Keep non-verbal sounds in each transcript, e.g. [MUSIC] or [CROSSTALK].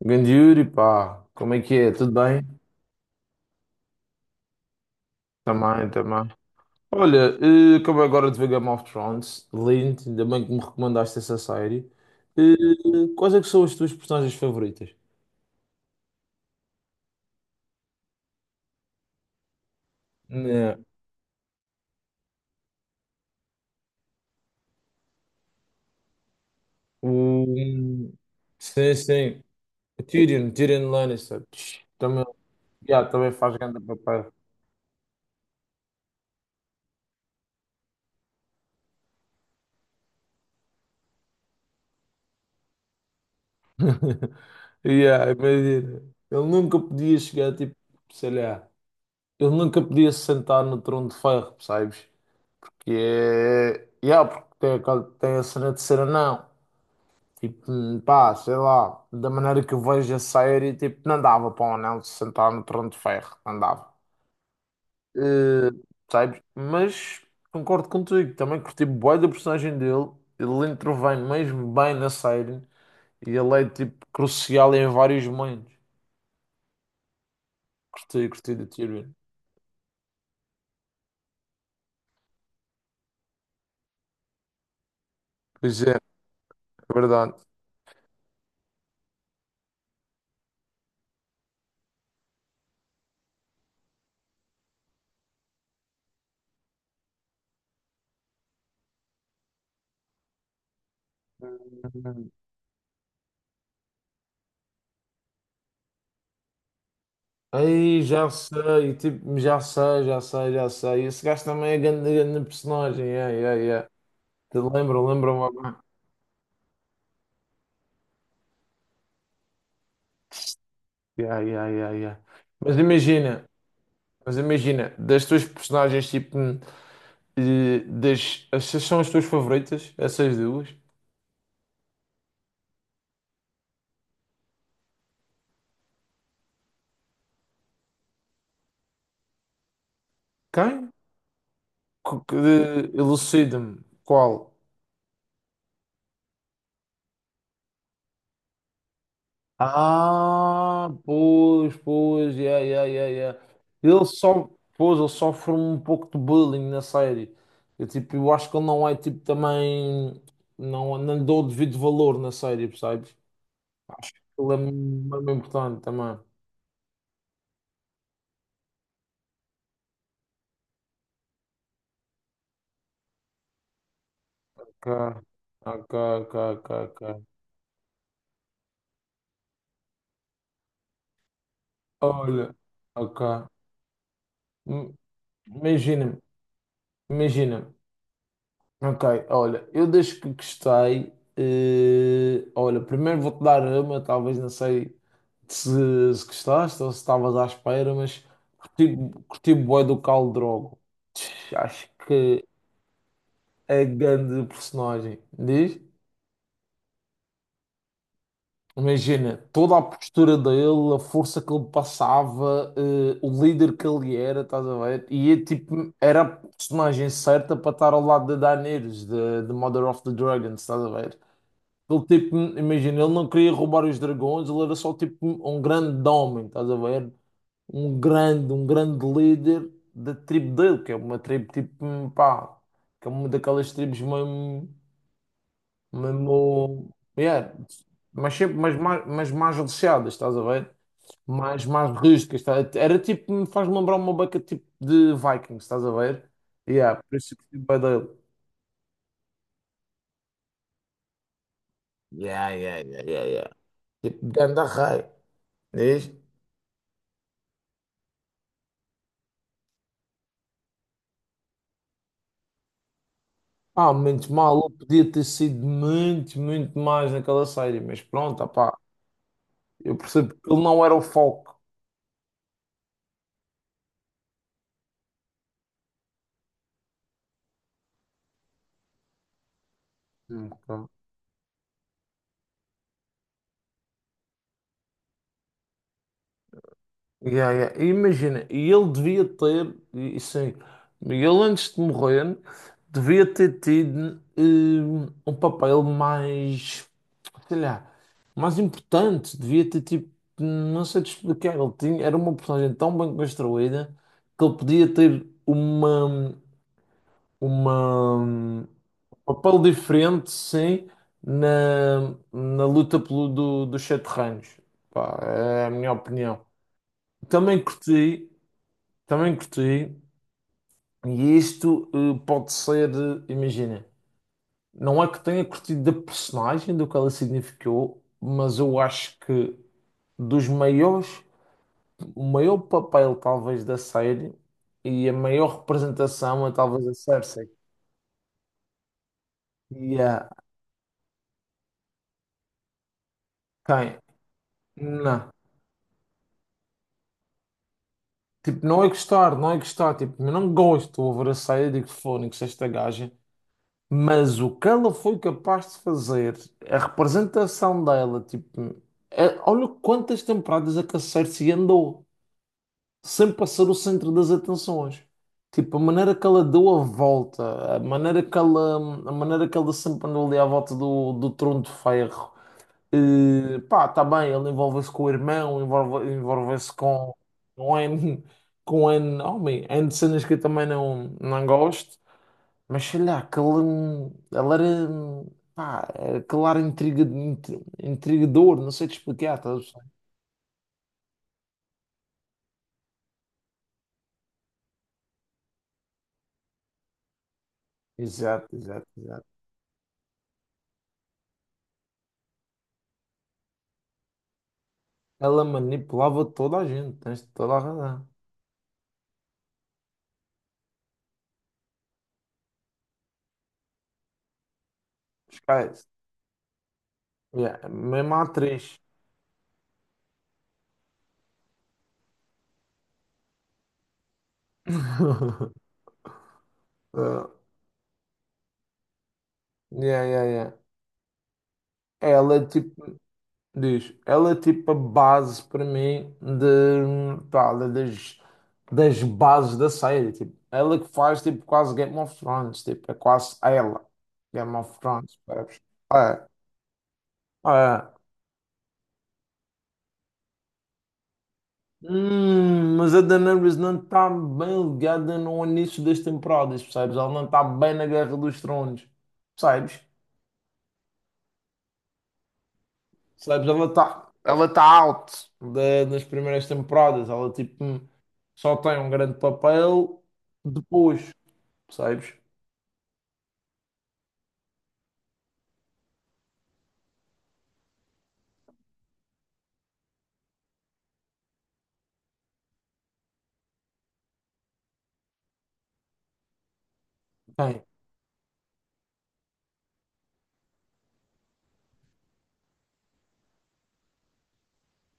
Grande Yuri, pá, como é que é? Tudo bem? Também, também. Olha, acabei agora de ver Game of Thrones, lindo, ainda bem que me recomendaste essa série. Eh, Quais é que são as tuas personagens favoritas? Né. O... Sim, sim, o Tyrion, Tyrion Lannister, também, yeah, também faz grande papel. [LAUGHS] Yeah, imagina, ele nunca podia chegar, tipo, sei lá, ele nunca podia se sentar no trono de ferro, percebes? Que é. Yeah, porque tem, tem a cena de ser anão. Tipo, pá, sei lá. Da maneira que eu vejo a série, tipo, não dava para um anão se sentar no trono de ferro. Não dava. Eh, sabes? Mas concordo contigo. Também curti bué da personagem dele. Ele intervém mesmo bem na série. E ele é, tipo, crucial em vários momentos. Curti de Tyrion. Pois é, é verdade. Aí já sei, tipo, já sei. Esse gajo também é grande, grande personagem, yeah, yeah, yeah. Lembro-me agora. Yeah, yeah, yeah, yeah. Mas imagina, mas imagina, das tuas personagens, tipo, essas são as tuas favoritas, essas duas? Quem? Co- que- Elucida-me, qual? Ah, pois, pois, yeah, yeah, yeah, yeah. Ele só, pois, ele sofre um pouco de bullying na série. Eu, tipo, eu acho que ele não é, tipo, também, não, não lhe dou o devido valor na série, percebes? Acho que ele é mesmo importante também. Ok, ok, ok, ok, ok. Olha, ok. Hum, Imagina-me, imagina-me. Ok, olha, eu desde que gostei, olha, primeiro vou-te dar uma, talvez não sei se, se gostaste ou se estavas à espera, mas curti, curti bué do Khal Drogo. Acho que é grande personagem, diz? Imagina, toda a postura dele, a força que ele passava, o líder que ele era, estás a ver? E é, tipo, era a personagem certa para estar ao lado de Daenerys, de Mother of the Dragons, estás a ver? Ele tipo, imagina, ele não queria roubar os dragões, ele era só tipo um grande homem, estás a ver? Um grande líder da tribo dele, que é uma tribo tipo, pá, que é uma daquelas tribos mesmo, mesmo, yeah, mas sempre, mas mais aleixadas, estás a ver? Mais rústicas, tá? Era tipo, me faz lembrar uma beca tipo de Vikings, estás a ver? Yeah, por isso que tipo é dele. Yeah, yeah, yeah, yeah, yeah. Tipo, ganda rei, diz? Ah, menos mal, eu podia ter sido muito mais naquela série, mas pronto, opá, eu percebo que ele não era o foco. Ok. Yeah, yeah. E imagina, e sim, ele antes de morrer, devia ter tido um papel mais, sei lá, mais importante, devia ter tipo, não sei te explicar, ele tinha, era uma personagem tão bem construída que ele podia ter um papel diferente, sim, na luta pelo, dos sete reinos. Pá, é a minha opinião. Também curti, também curti, e isto pode ser, imagina, não é que tenha curtido da personagem, do que ela significou, mas eu acho que dos maiores, o maior papel talvez da série e a maior representação é talvez a Cersei. E a quem? Não. Tipo, não é gostar, não é gostar. Tipo, eu não gosto, eu abracei, eu digo, fónix, esta gaja. Mas o que ela foi capaz de fazer, a representação dela, tipo, é- olha quantas temporadas é que a Cersei andou, sem passar o centro das atenções. Tipo, a maneira que ela deu a volta, a maneira que ela sempre andou ali à volta do, do trono de ferro. Pá, tá bem, ele envolve-se com o irmão, envolve-se com um N, com um N, homem, N de cenas que eu também não, não gosto, mas sei lá, pá, aquele ar intriga, intrigador, não sei te explicar, estás a perceber? Exato, exato, exato. Ela manipulava toda a gente, tens toda a razão, esquece. Yeah, mesmo a atriz. [LAUGHS] Ah, yeah, yeah, yeah. Ela, é tipo. Diz, ela é tipo a base para mim de, pá, das bases da série. Tipo, ela que faz tipo quase Game of Thrones, tipo, é quase ela, Game of Thrones, percebes? É, é. Mas a Daenerys não está bem ligada no início das temporadas, percebes? Ela não está bem na Guerra dos Tronos, percebes? Sabes, ela tá out das primeiras temporadas. Ela, tipo, só tem um grande papel depois, percebes? Tem.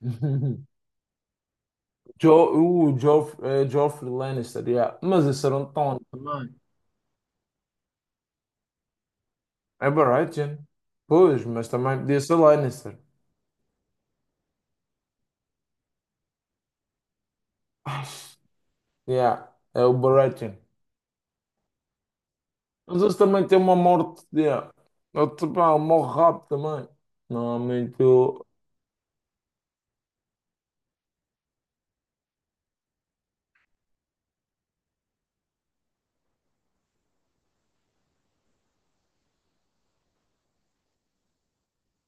[LAUGHS] O Joffrey Lannister, yeah. Mas esse era um Tom também. É Baratheon. Pois, mas também podia ser Lannister. [LAUGHS] Ah, yeah, é o Baratheon. Mas esse também tem uma morte, yeah. Ele, tipo, ah, morre rápido também. Não, muito...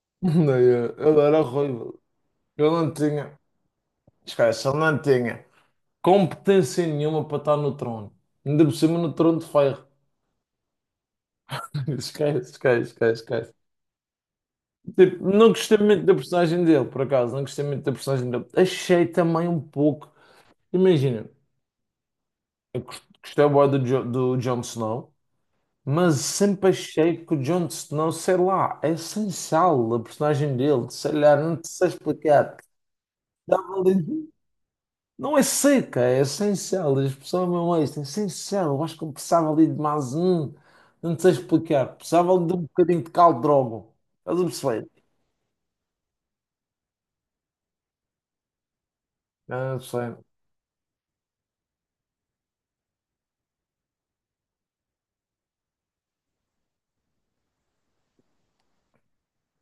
[LAUGHS] Ele era horrível. Eu não tinha. Esquece, ele não tinha competência nenhuma para estar no trono. Ainda por cima no trono de ferro. [LAUGHS] Esquece, esquece, esquece, esquece. Tipo, não gostei muito da personagem dele, por acaso. Não gostei muito da personagem dele. Achei também um pouco. Imagina, eu gostei bué do, do Jon Snow, mas sempre achei que o Jon Snow, sei lá, é sem sal a personagem dele. Sei lá, não te sei explicar. Dava ali. Não é seca, é essencial. A expressão é mesmo esta, é essencial. Eu acho que eu precisava ali de mais um. Não sei explicar. Precisava ali de um bocadinho de caldo de rogo. Estás a perceber? Ah, não sei.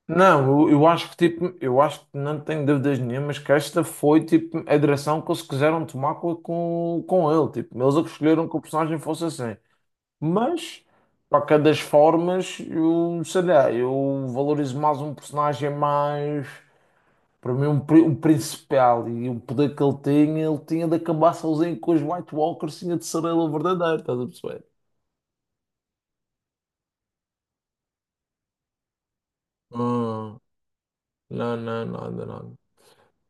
Não, eu acho que tipo, eu acho que não tenho dúvidas nenhumas que esta foi tipo a direção que eles quiseram tomar com ele. Tipo, eles é que escolheram que o personagem fosse assim. Mas, para cada das formas, eu sei lá, eu valorizo mais um personagem mais. Para mim, um principal e o poder que ele tinha de acabar sozinho com os White Walkers, tinha de ser ele o verdadeiro, estás a perceber? Ah, não, não, nada, nada.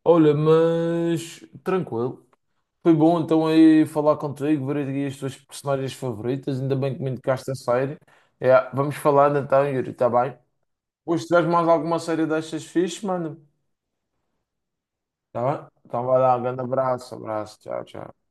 Olha, mas tranquilo. Foi bom então aí falar contigo, ver aqui as tuas personagens favoritas, ainda bem que me indicaste a série. É, vamos falando então, Yuri, está bem? Hoje, se tiveres mais alguma série destas fixe, mano, tá bem? Então vai lá, um grande abraço, abraço, tchau, tchau.